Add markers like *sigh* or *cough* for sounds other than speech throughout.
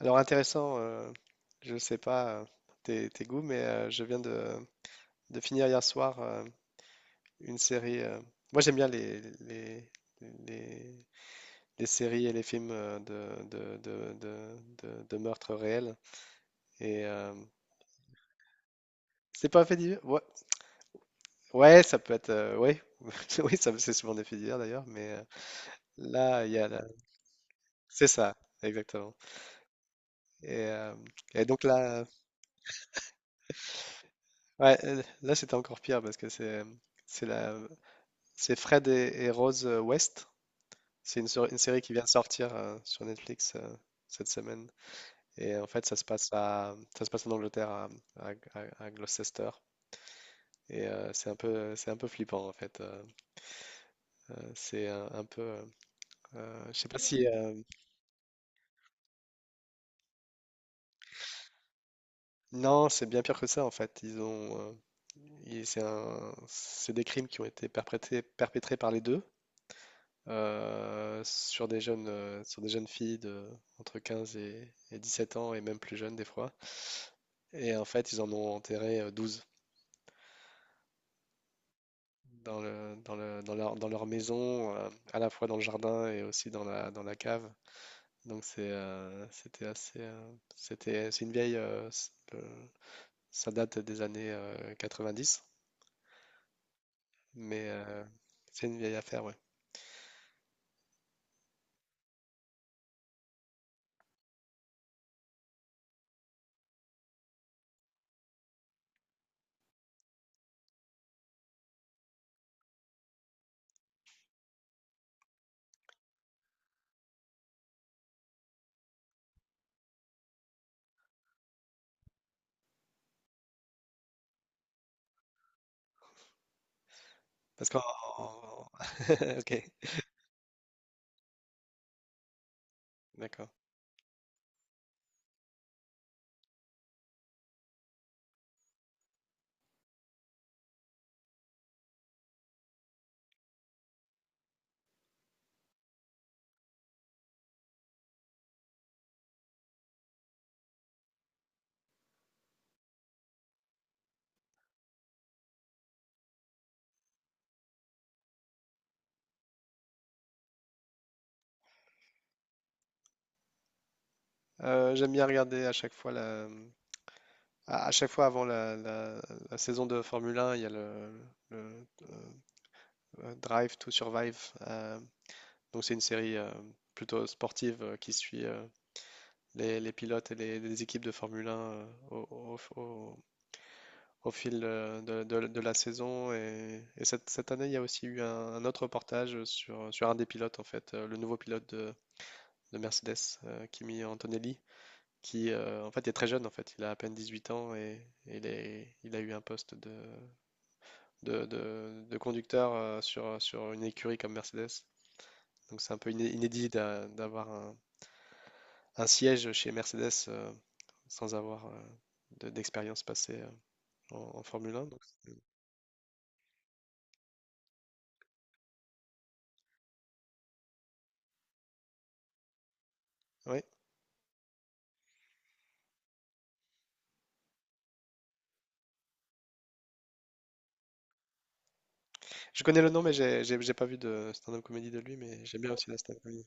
Alors intéressant, je ne sais pas tes goûts, mais je viens de finir hier soir une série. Moi j'aime bien les, les séries et les films de meurtres réels. Et c'est pas un fait divers? Ouais, ouais, ça peut être. Ouais. *laughs* Oui, ça c'est souvent des faits divers d'ailleurs, mais là, il y a la- c'est ça, exactement. Et, euh, et donc là, ouais, là c'était encore pire parce que c'est. C'est la, C'est Fred et Rose West. C'est une série qui vient de sortir sur Netflix cette semaine. Et en fait, ça se passe en Angleterre, à Gloucester. Et c'est un peu flippant en fait. C'est un peu, je sais pas si, non, c'est bien pire que ça en fait. Ils ont, et C'est c'est des crimes qui ont été perpétrés, par les deux sur des jeunes filles de, entre 15 et sept ans et même plus jeunes des fois. Et en fait, ils en ont enterré 12 dans dans leur maison, à la fois dans le jardin et aussi dans la cave. Donc c'est, c'était assez, c'était, c'est une vieille, ça date des années 90, mais c'est une vieille affaire, ouais. Parce qu'en, en- *laughs* ok, d'accord. J'aime bien regarder à chaque fois à chaque fois avant la saison de Formule 1, il y a le, euh, Drive to Survive. euh, Donc c'est une série plutôt sportive qui suit les pilotes et les équipes de Formule 1 au fil de la saison. Et cette année, il y a aussi eu un autre reportage sur un des pilotes, en fait, le nouveau pilote de Mercedes, Kimi Antonelli, qui en fait est très jeune, en fait, il a à peine 18 ans et il a eu un poste de conducteur sur une écurie comme Mercedes. Donc c'est un peu inédit d'avoir un siège chez Mercedes sans avoir d'expérience passée en Formule 1. Ouais. Je connais le nom, mais j'ai pas vu de stand-up comédie de lui, mais j'aime bien aussi la stand-up comédie.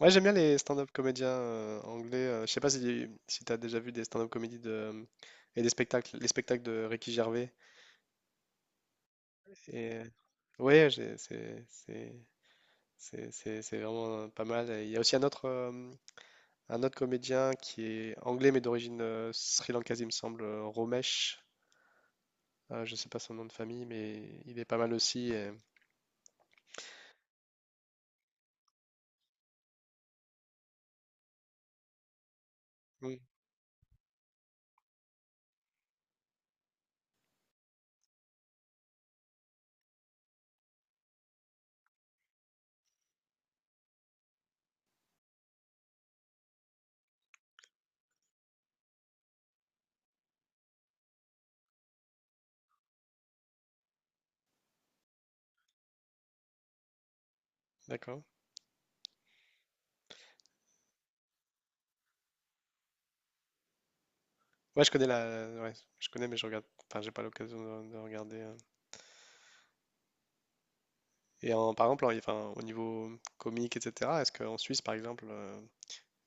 Ouais, j'aime bien les stand-up comédiens anglais. Je sais pas si, si tu as déjà vu des stand-up comédies de, et des spectacles, les spectacles de Ricky Gervais. Et, euh, ouais, c'est vraiment pas mal. Et il y a aussi un autre comédien qui est anglais, mais d'origine sri-lankaise, il me semble, Romesh. Ah, je sais pas son nom de famille, mais il est pas mal aussi. Et mm, d'accord. Ouais, je connais la. Ouais, je connais, mais je regarde. Enfin, j'ai pas l'occasion de regarder. Euh. Et en, par exemple, en- enfin, au niveau comique, etc. Est-ce qu'en Suisse, par exemple,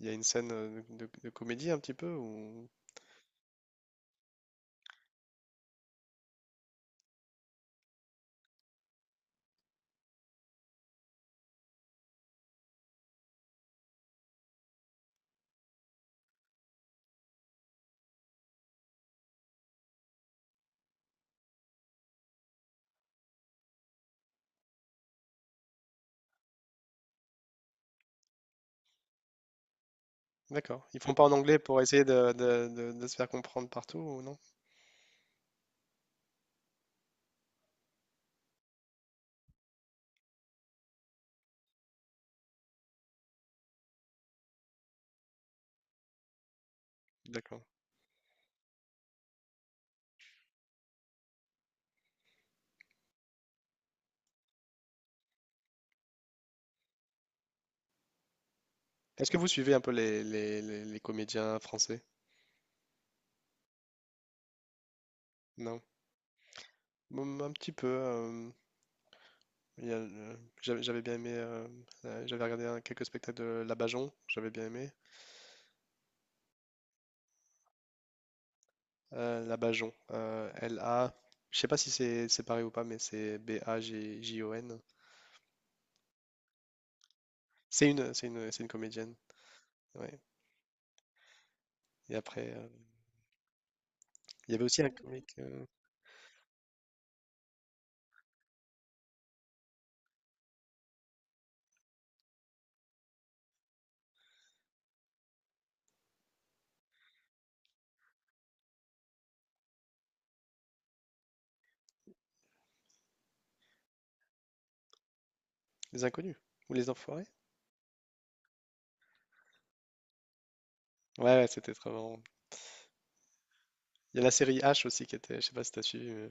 il y a une scène de comédie un petit peu ou... D'accord. Ils font pas en anglais pour essayer de se faire comprendre partout ou non? D'accord. Est-ce que vous suivez un peu les comédiens français? Non. Mm, un petit peu. Il y a le- j'avais bien aimé, j'avais regardé quelques spectacles de Labajon, j'avais bien aimé. Labajon, L-A, je sais pas si c'est pareil ou pas, mais c'est B-A-G-J-O-N. C'est une comédienne. Ouais. Et après, il y avait aussi un comique, Les Inconnus ou Les Enfoirés. Ouais, ouais, c'était trop marrant. Il y a la série H aussi qui était, je sais pas si t'as suivi. Mais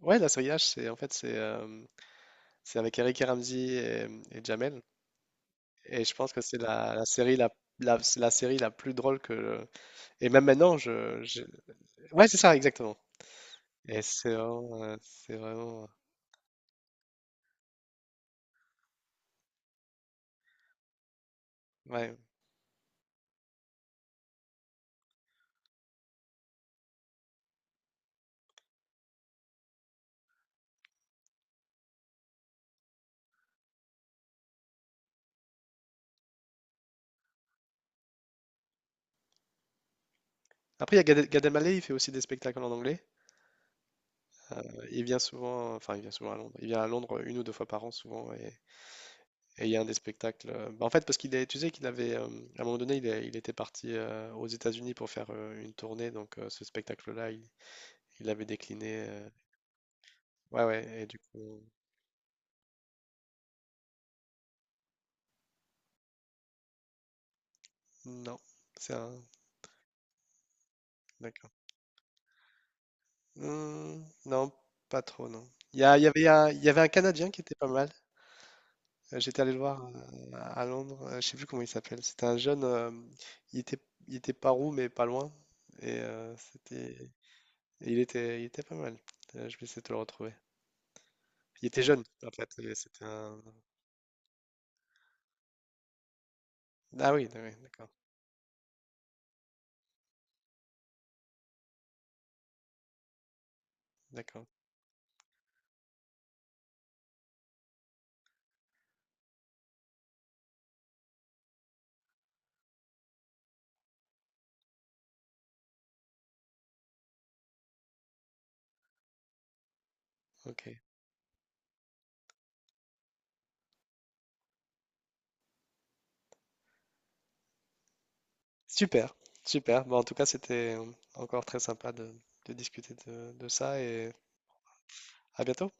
ouais, la série H, c'est en fait c'est avec Eric et Ramzy et Jamel. Et je pense que c'est la, la série la la, c'est la série la plus drôle que, et même maintenant, ouais, c'est ça, exactement. Et c'est vraiment... Ouais. Après, il y a Gad, Gad Elmaleh, il fait aussi des spectacles en anglais. Euh, il vient souvent... Enfin, il vient souvent à Londres. Il vient à Londres une ou deux fois par an, souvent. Et il y a un des spectacles... bah, en fait, parce qu'il est... Tu sais qu'il avait... à un moment donné, il était parti aux États-Unis pour faire une tournée. Donc, ce spectacle-là, il l'avait décliné. Euh, ouais, ouais. Et du coup... Non. C'est un... D'accord. Hmm, non, pas trop, non. Il y avait un, il y avait un Canadien qui était pas mal. J'étais allé le voir à Londres, je sais plus comment il s'appelle. C'était un jeune, il était, il était pas roux mais pas loin. Et euh, c'était, et il était pas mal. Je vais essayer de te le retrouver. Il était jeune en fait. Et c'était un. Ah oui, oui, d'accord, d'accord, ok. Super, super. Bon, en tout cas, c'était encore très sympa de discuter de ça et à bientôt.